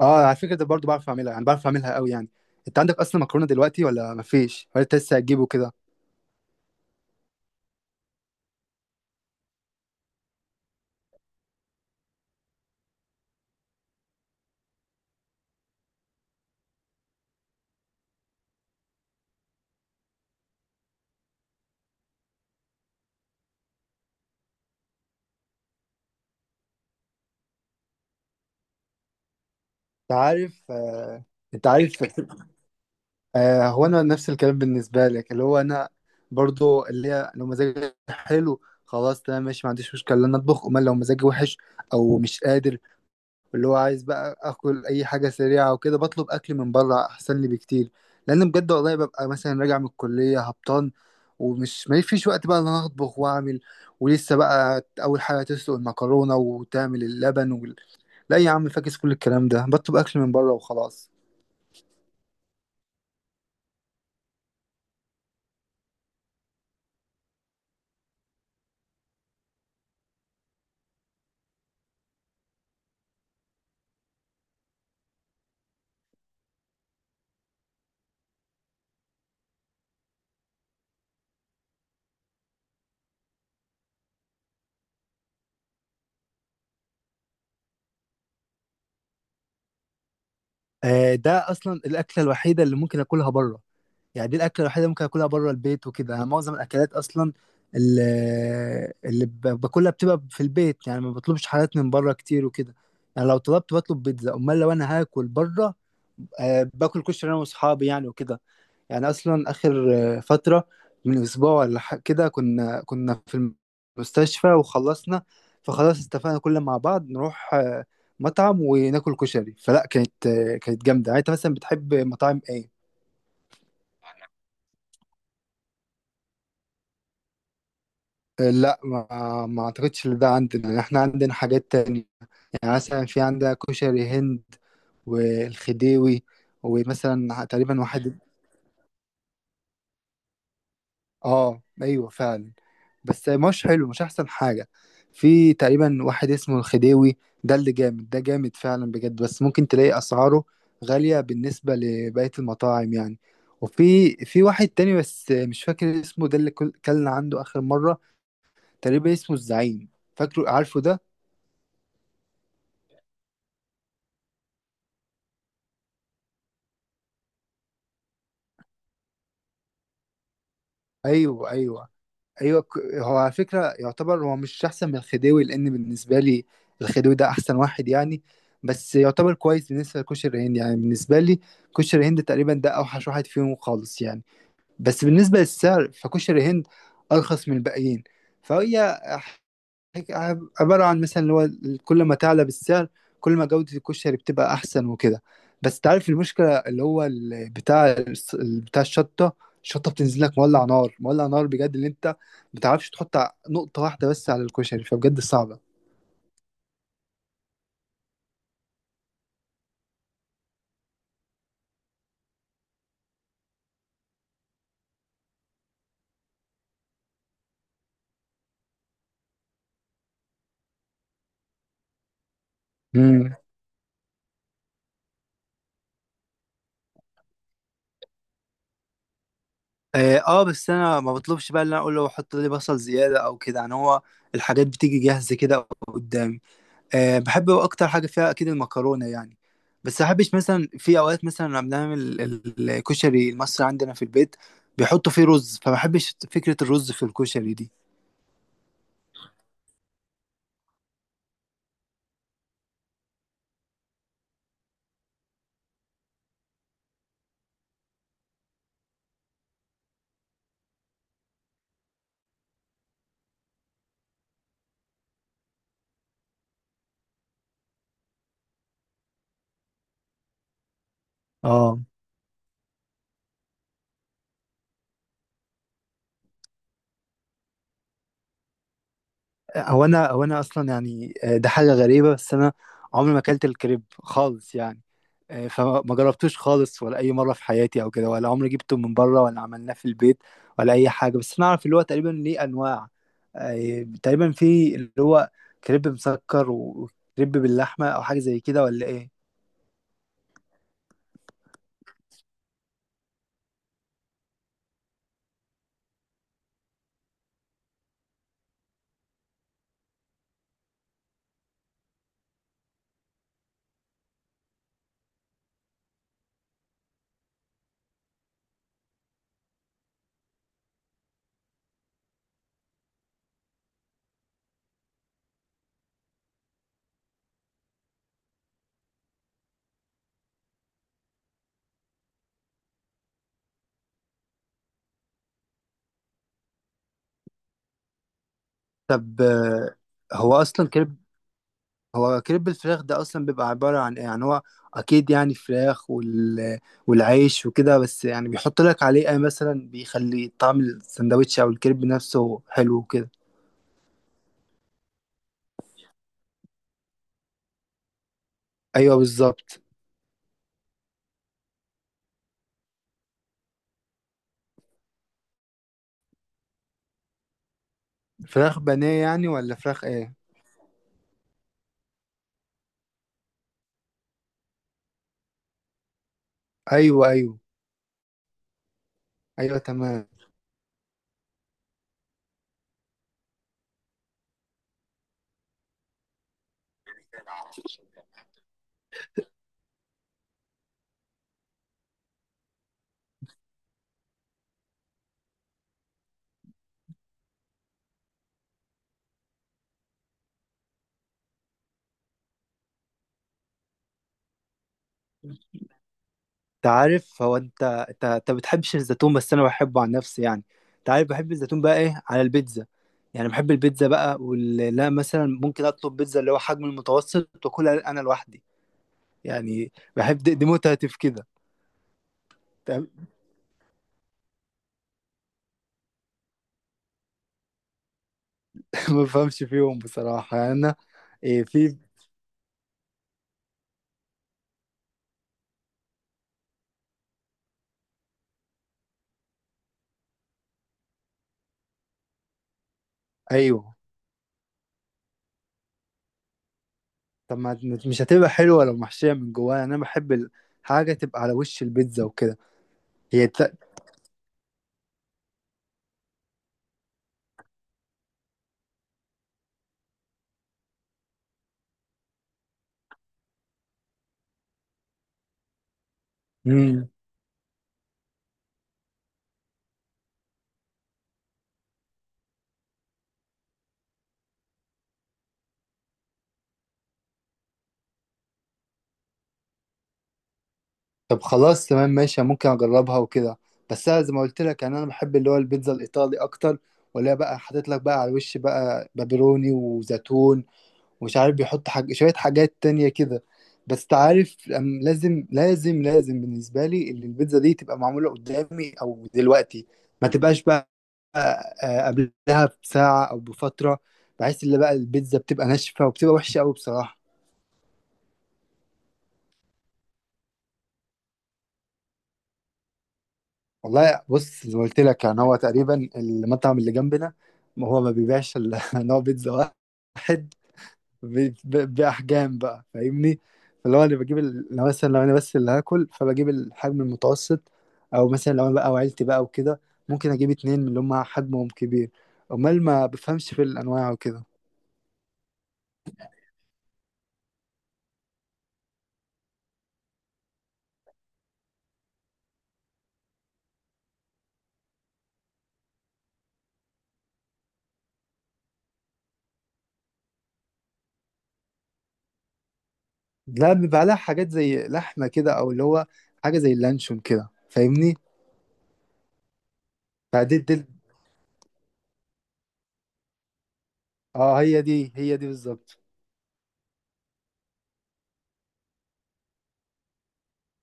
اه، على فكره ده برضو بعرف اعملها، يعني بعرف اعملها قوي يعني. انت عندك اصلا مكرونه دلوقتي ولا مفيش؟ ولا انت لسه هتجيبه كده؟ انت عارف آه. انت عارف آه. هو انا نفس الكلام بالنسبه لك، اللي هو انا برضو اللي هي لو مزاجي حلو خلاص تمام ماشي، ما عنديش مشكله ان انا اطبخ. امال لو مزاجي وحش او مش قادر، اللي هو عايز بقى اكل اي حاجه سريعه وكده، بطلب اكل من بره احسن لي بكتير. لان بجد والله ببقى مثلا راجع من الكليه هبطان، ومش ما فيش وقت بقى ان انا اطبخ واعمل، ولسه بقى اول حاجه تسلق المكرونه وتعمل اللبن وال... لا يا عم فاكس كل الكلام ده، بطلب اكل من بره وخلاص. آه ده اصلا الاكله الوحيده اللي ممكن اكلها بره. يعني دي الاكله الوحيده اللي ممكن اكلها بره البيت وكده. يعني معظم الاكلات اصلا اللي, اللي باكلها بتبقى في البيت، يعني ما بطلبش حاجات من بره كتير وكده. يعني لو طلبت بطلب بيتزا. امال لو انا هاكل بره، باكل كشري انا واصحابي يعني وكده. يعني اصلا اخر فتره من اسبوع ولا كده، كنا في المستشفى وخلصنا، فخلاص اتفقنا كلنا مع بعض نروح مطعم وناكل كشري. فلا كانت، كانت جامده يعني. انت مثلا بتحب مطاعم ايه؟ لا، ما اعتقدش ان ده عندنا، يعني احنا عندنا حاجات تانية. يعني مثلا في عندنا كشري هند والخديوي. ومثلا تقريبا واحد. اه ايوه فعلا. بس مش حلو، مش احسن حاجة. في تقريبا واحد اسمه الخديوي، ده اللي جامد، ده جامد فعلا بجد. بس ممكن تلاقي اسعاره غالية بالنسبة لبقية المطاعم يعني. وفي واحد تاني بس مش فاكر اسمه، ده اللي كلنا عنده اخر مرة، تقريبا اسمه الزعيم. فاكره؟ عارفه ده؟ ايوه ايوه. هو على فكره يعتبر هو مش احسن من الخديوي، لان بالنسبه لي الخديوي ده احسن واحد يعني. بس يعتبر كويس بالنسبه لكشري الهند. يعني بالنسبه لي كشري الهند تقريبا ده اوحش واحد فيهم خالص يعني. بس بالنسبه للسعر، فكشري الهند ارخص من الباقيين. فهي هيك عبارة عن مثلا، اللي هو ال- كل ما تعلى بالسعر، كل ما جودة الكشري بتبقى أحسن وكده. بس تعرف المشكلة، اللي هو ال- بتاع ال- بتاع الشطة، الشطة بتنزل لك مولع نار، مولع نار بجد، اللي أنت ما بتعرفش تحط نقطة واحدة بس على الكشري، فبجد صعبة. مم. آه بس أنا ما بطلبش بقى اللي أنا أقول له حط لي بصل زيادة أو كده، يعني هو الحاجات بتيجي جاهزة كده قدامي. أه بحب اكتر حاجه فيها اكيد المكرونه يعني. بس احبش مثلا، في اوقات مثلا لما بنعمل ال- الكشري المصري عندنا في البيت، بيحطوا فيه رز، فما بحبش فكره الرز في الكشري. دي هو انا اصلا يعني، ده حاجه غريبه بس انا عمري ما اكلت الكريب خالص يعني. فما جربتوش خالص، ولا اي مره في حياتي او كده، ولا عمري جبته من بره، ولا عملناه في البيت، ولا اي حاجه. بس انا اعرف اللي هو تقريبا ليه انواع. تقريبا في اللي هو كريب مسكر وكريب باللحمه او حاجه زي كده، ولا ايه؟ طب هو اصلا كريب، هو كريب الفراخ ده اصلا بيبقى عبارة عن ايه يعني؟ هو اكيد يعني فراخ وال... والعيش وكده، بس يعني بيحط لك عليه ايه مثلا بيخلي طعم السندوتش او الكريب نفسه حلو وكده. ايوه بالظبط. فراخ بانيه يعني، ولا فراخ ايه؟ ايوه ايوه ايوه تمام. انت عارف، هو انت انت انت بتحبش الزيتون بس انا بحبه عن نفسي يعني. انت عارف، بحب الزيتون بقى ايه على البيتزا. يعني بحب البيتزا بقى، ولا مثلا ممكن اطلب بيتزا اللي هو حجم المتوسط واكلها انا لوحدي. يعني بحب دي متعتي في كده. تمام؟ ما بفهمش فيهم بصراحة يعني أنا. إيه في؟ أيوه. طب ما مش هتبقى حلوة لو محشية من جواها؟ يعني أنا بحب الحاجة تبقى على وش البيتزا وكده. هي ت... مم. طب خلاص تمام ماشي، ممكن أجربها وكده. بس أنا زي ما قلت لك، يعني أنا بحب اللي هو البيتزا الإيطالي أكتر، ولا بقى حاطط لك بقى على الوش بقى بابروني وزيتون، ومش عارف بيحط شوية حاجات تانية كده. بس تعرف، لازم لازم لازم بالنسبة لي اللي البيتزا دي تبقى معمولة قدامي أو دلوقتي، ما تبقاش بقى قبلها بساعة أو بفترة، بحيث اللي بقى البيتزا بتبقى ناشفة وبتبقى وحشة أوي بصراحة. والله بص زي ما قلت لك، يعني هو تقريبا المطعم اللي جنبنا هو ما بيبيعش إلا نوع بيتزا واحد، باحجام بقى فاهمني. اللي هو انا بجيب ال- لو مثلا لو انا بس اللي هاكل، فبجيب الحجم المتوسط. او مثلا لو انا بقى وعيلتي بقى وكده، ممكن اجيب اتنين من اللي هم حجمهم كبير. امال ما بفهمش في الانواع وكده. لا، بيبقى لها حاجات زي لحمه كده، او اللي هو حاجه زي اللانشون كده، فاهمني؟ فدي دي اه هي دي بالظبط.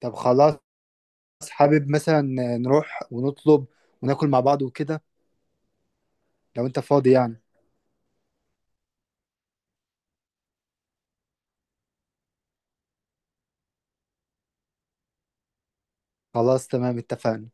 طب خلاص، حابب مثلا نروح ونطلب وناكل مع بعض وكده، لو انت فاضي يعني؟ خلاص تمام اتفقنا.